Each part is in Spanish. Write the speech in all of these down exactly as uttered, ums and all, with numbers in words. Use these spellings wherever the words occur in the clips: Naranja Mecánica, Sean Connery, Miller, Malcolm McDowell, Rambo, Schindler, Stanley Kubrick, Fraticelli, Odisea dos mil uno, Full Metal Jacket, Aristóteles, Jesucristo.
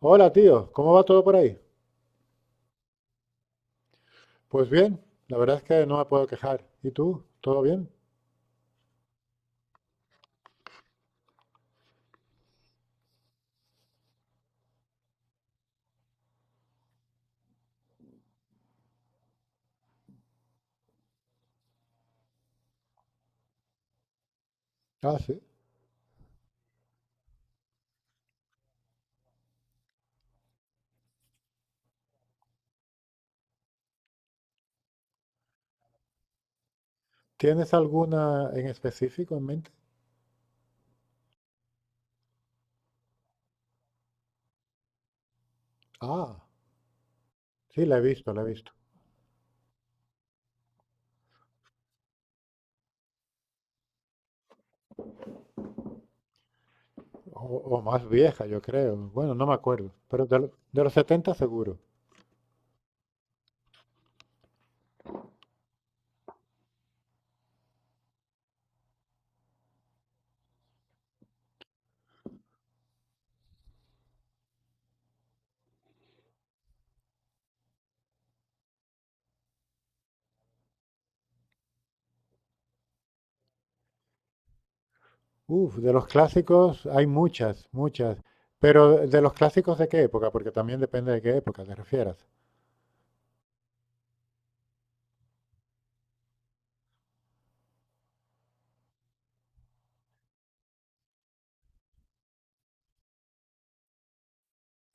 Hola, tío, ¿cómo va todo por ahí? Pues bien, la verdad es que no me puedo quejar. ¿Y tú? ¿Todo bien? Ah, sí. ¿Tienes alguna en específico en mente? Ah, sí, la he visto, la he visto. O, o más vieja, yo creo. Bueno, no me acuerdo, pero de, lo- de los setenta seguro. Uf, de los clásicos hay muchas, muchas. Pero de los clásicos de qué época, porque también depende de qué época te refieras.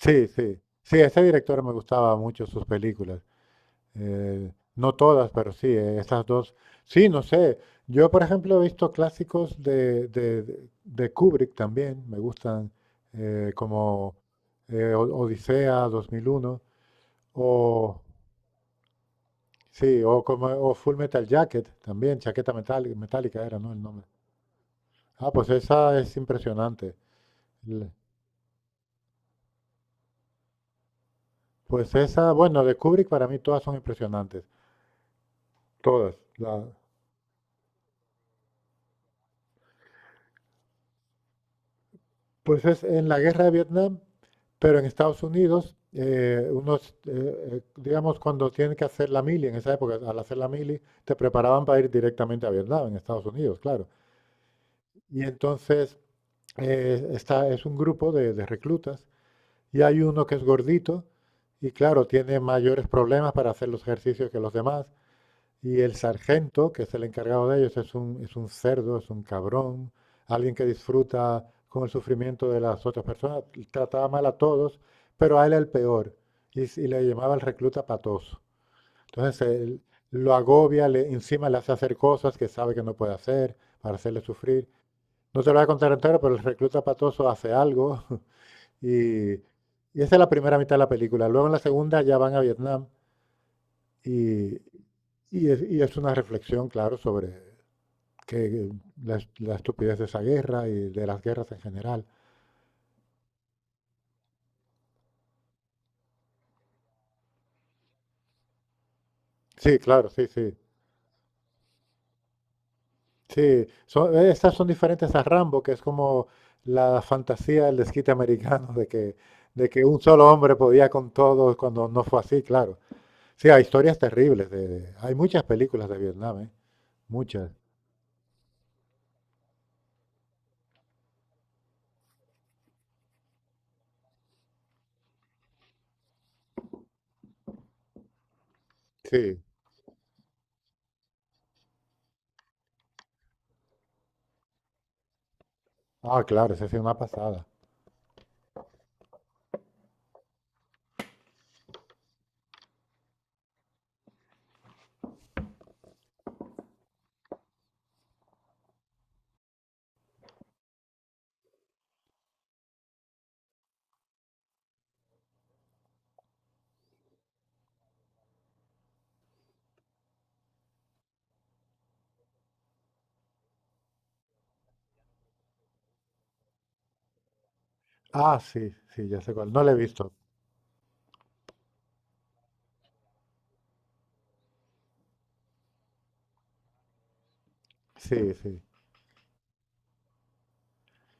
Sí, sí. Sí, ese director me gustaba mucho sus películas. Eh, no todas, pero sí, eh, esas dos. Sí, no sé. Yo, por ejemplo, he visto clásicos de, de- de- de Kubrick también. Me gustan eh, como eh, O- Odisea dos mil uno o sí, o como o Full Metal Jacket también, chaqueta metal- metálica era, ¿no? El nombre. Ah, pues esa es impresionante. Le- Pues esa, bueno, de Kubrick para mí todas son impresionantes. Todas. La, pues es en la guerra de Vietnam, pero en Estados Unidos, eh, unos, eh, eh, digamos, cuando tienen que hacer la mili, en esa época, al hacer la mili, te preparaban para ir directamente a Vietnam, en Estados Unidos, claro. Y entonces eh, está, es un grupo de, de reclutas y hay uno que es gordito y claro, tiene mayores problemas para hacer los ejercicios que los demás. Y el sargento, que es el encargado de ellos, es un, es un cerdo, es un cabrón, alguien que disfruta con el sufrimiento de las otras personas, trataba mal a todos, pero a él era el peor, y, y le llamaba el recluta patoso. Entonces él lo agobia, le, encima le hace hacer cosas que sabe que no puede hacer para hacerle sufrir. No te lo voy a contar entero, pero el recluta patoso hace algo y, y esa es la primera mitad de la película. Luego en la segunda ya van a Vietnam y, y es, y es una reflexión, claro, sobre que la, es- la estupidez de esa guerra y de las guerras en general. Sí, claro, sí, sí. Sí, son, estas son diferentes a Rambo, que es como la fantasía del desquite americano de que, de que un solo hombre podía con todos cuando no fue así, claro. Sí, hay historias terribles. De, de- hay muchas películas de Vietnam, ¿eh? Muchas. Sí. Ah, claro, esa sí es una pasada. Ah, sí, sí, ya sé cuál. No la he visto. Sí, sí.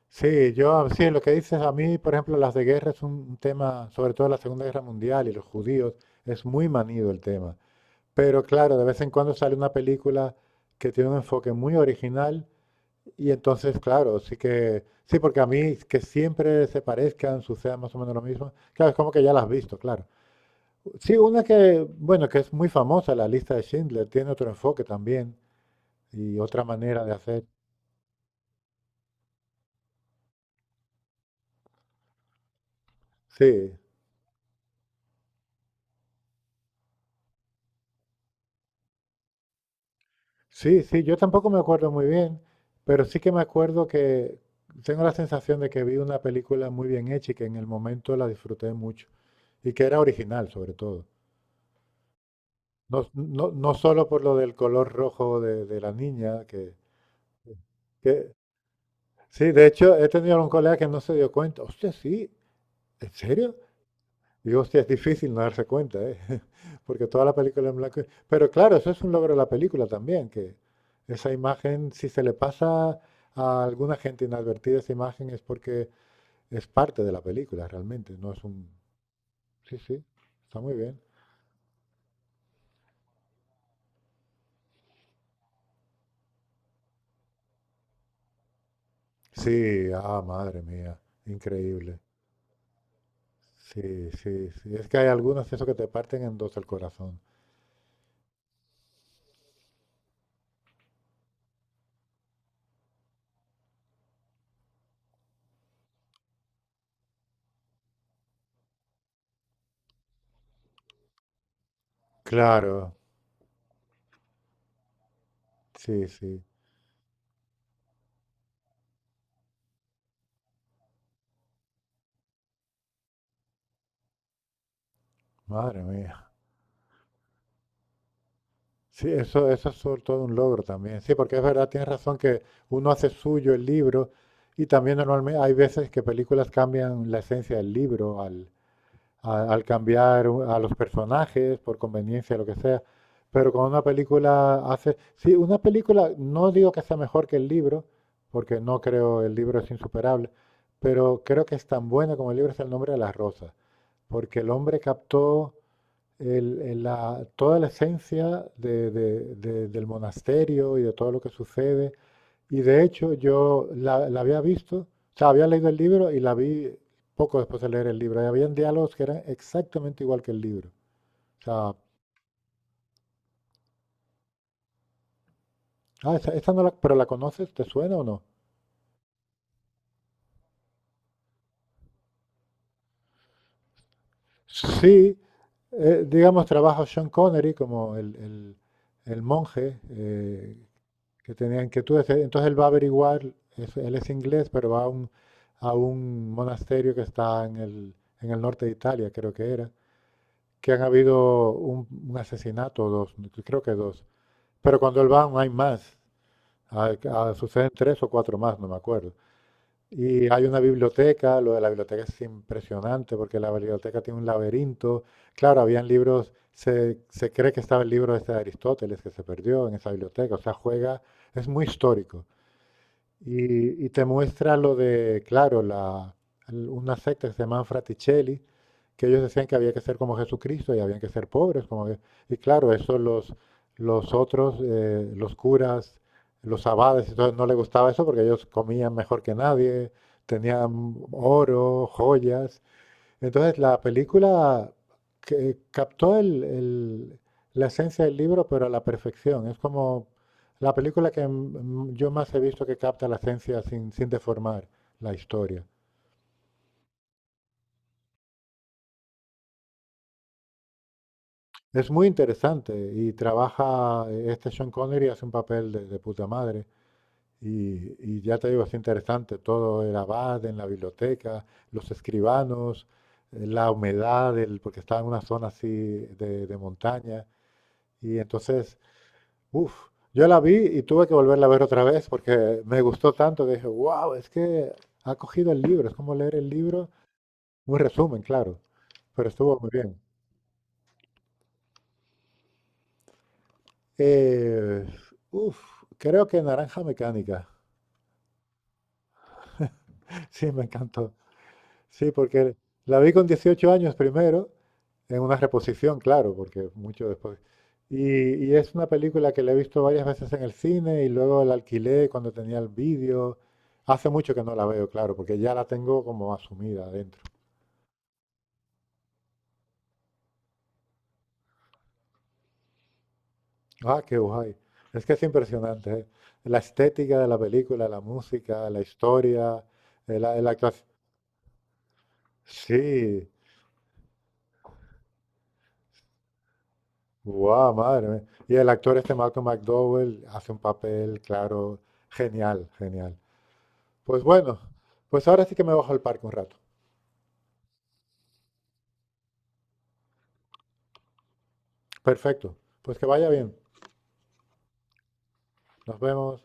Sí, yo sí, lo que dices a mí, por ejemplo, las de guerra es un tema, sobre todo la Segunda Guerra Mundial y los judíos, es muy manido el tema. Pero claro, de vez en cuando sale una película que tiene un enfoque muy original y entonces, claro, sí que, sí, porque a mí que siempre se parezcan, suceda más o menos lo mismo, claro, es como que ya las has visto, claro. Sí, una que, bueno, que es muy famosa, la lista de Schindler, tiene otro enfoque también y otra manera de hacer. Sí, sí, sí, yo tampoco me acuerdo muy bien, pero sí que me acuerdo que tengo la sensación de que vi una película muy bien hecha y que en el momento la disfruté mucho y que era original sobre todo. No, no, no solo por lo del color rojo de, de la niña, que, que- sí, de hecho he tenido un colega que no se dio cuenta. Hostia, sí, ¿en serio? Y hostia, es difícil no darse cuenta, ¿eh? Porque toda la película en blanco y... Pero claro, eso es un logro de la película también, que esa imagen, si se le pasa a alguna gente inadvertida esa imagen, es porque es parte de la película realmente, no es un... Sí, sí, está muy bien. Sí, ah, madre mía, increíble. Sí, sí, sí. Es que hay algunos eso que te parten en dos el corazón. Claro, sí, sí. Madre mía. Sí, eso, eso es sobre todo un logro también. Sí, porque es verdad, tienes razón que uno hace suyo el libro y también normalmente hay veces que películas cambian la esencia del libro al, a- al cambiar u- a los personajes por conveniencia, lo que sea. Pero con una película hace... Sí, una película, no digo que sea mejor que el libro, porque no creo el libro es insuperable, pero creo que es tan buena como el libro es El nombre de las rosas, porque el hombre captó el- el- la- toda la esencia de- de- de- del monasterio y de todo lo que sucede. Y de hecho yo la, la había visto, o sea, había leído el libro y la vi poco después de leer el libro. Y habían diálogos que eran exactamente igual que el libro. O sea, ah, esa- esta no la, pero la conoces, ¿te suena o no? Sí, eh, digamos, trabaja Sean Connery como el, el- el monje, eh, que tenían inquietudes. Entonces él va a averiguar, es- él es inglés, pero va a un, a un monasterio que está en el, en el norte de Italia, creo que era, que han habido un, un asesinato, dos, creo que dos. Pero cuando él va no hay más. Ah, ah, suceden tres o cuatro más, no me acuerdo. Y hay una biblioteca, lo de la biblioteca es impresionante porque la biblioteca tiene un laberinto. Claro, habían libros, se, se cree que estaba el libro este de Aristóteles que se perdió en esa biblioteca, o sea, juega, es muy histórico. Y, y te muestra lo de, claro, la, el- una secta que se llaman Fraticelli, que ellos decían que había que ser como Jesucristo y habían que ser pobres. Como que- y claro, eso los, los otros, eh, los curas, los abades, y todo, no les gustaba eso porque ellos comían mejor que nadie, tenían oro, joyas, entonces, la película que eh, captó el- el- la esencia del libro, pero a la perfección. Es como la película que mm, yo más he visto que capta la esencia sin, sin deformar la historia. Es muy interesante y trabaja, eh, este Sean Connery hace un papel de, de puta madre. Y, y ya te digo, es interesante todo el abad en la biblioteca, los escribanos, eh, la humedad, el- porque estaba en una zona así de de montaña. Y entonces uf, yo la vi y tuve que volverla a ver otra vez porque me gustó tanto que dije, wow, es que ha cogido el libro, es como leer el libro, un resumen, claro, pero estuvo muy bien. Eh, uf, Creo que Naranja Mecánica, sí, me encantó. Sí, porque la vi con dieciocho años primero, en una reposición, claro, porque mucho después. Y, y es una película que la he visto varias veces en el cine y luego la alquilé cuando tenía el vídeo. Hace mucho que no la veo, claro, porque ya la tengo como asumida adentro. Ah, qué guay. Es que es impresionante, ¿eh? La estética de la película, la música, la historia, eh, la, la actuación. Sí, guau, madre mía. Y el actor este Malcolm McDowell hace un papel, claro, genial, genial. Pues bueno, pues ahora sí que me bajo al parque un rato. Perfecto. Pues que vaya bien. Nos vemos.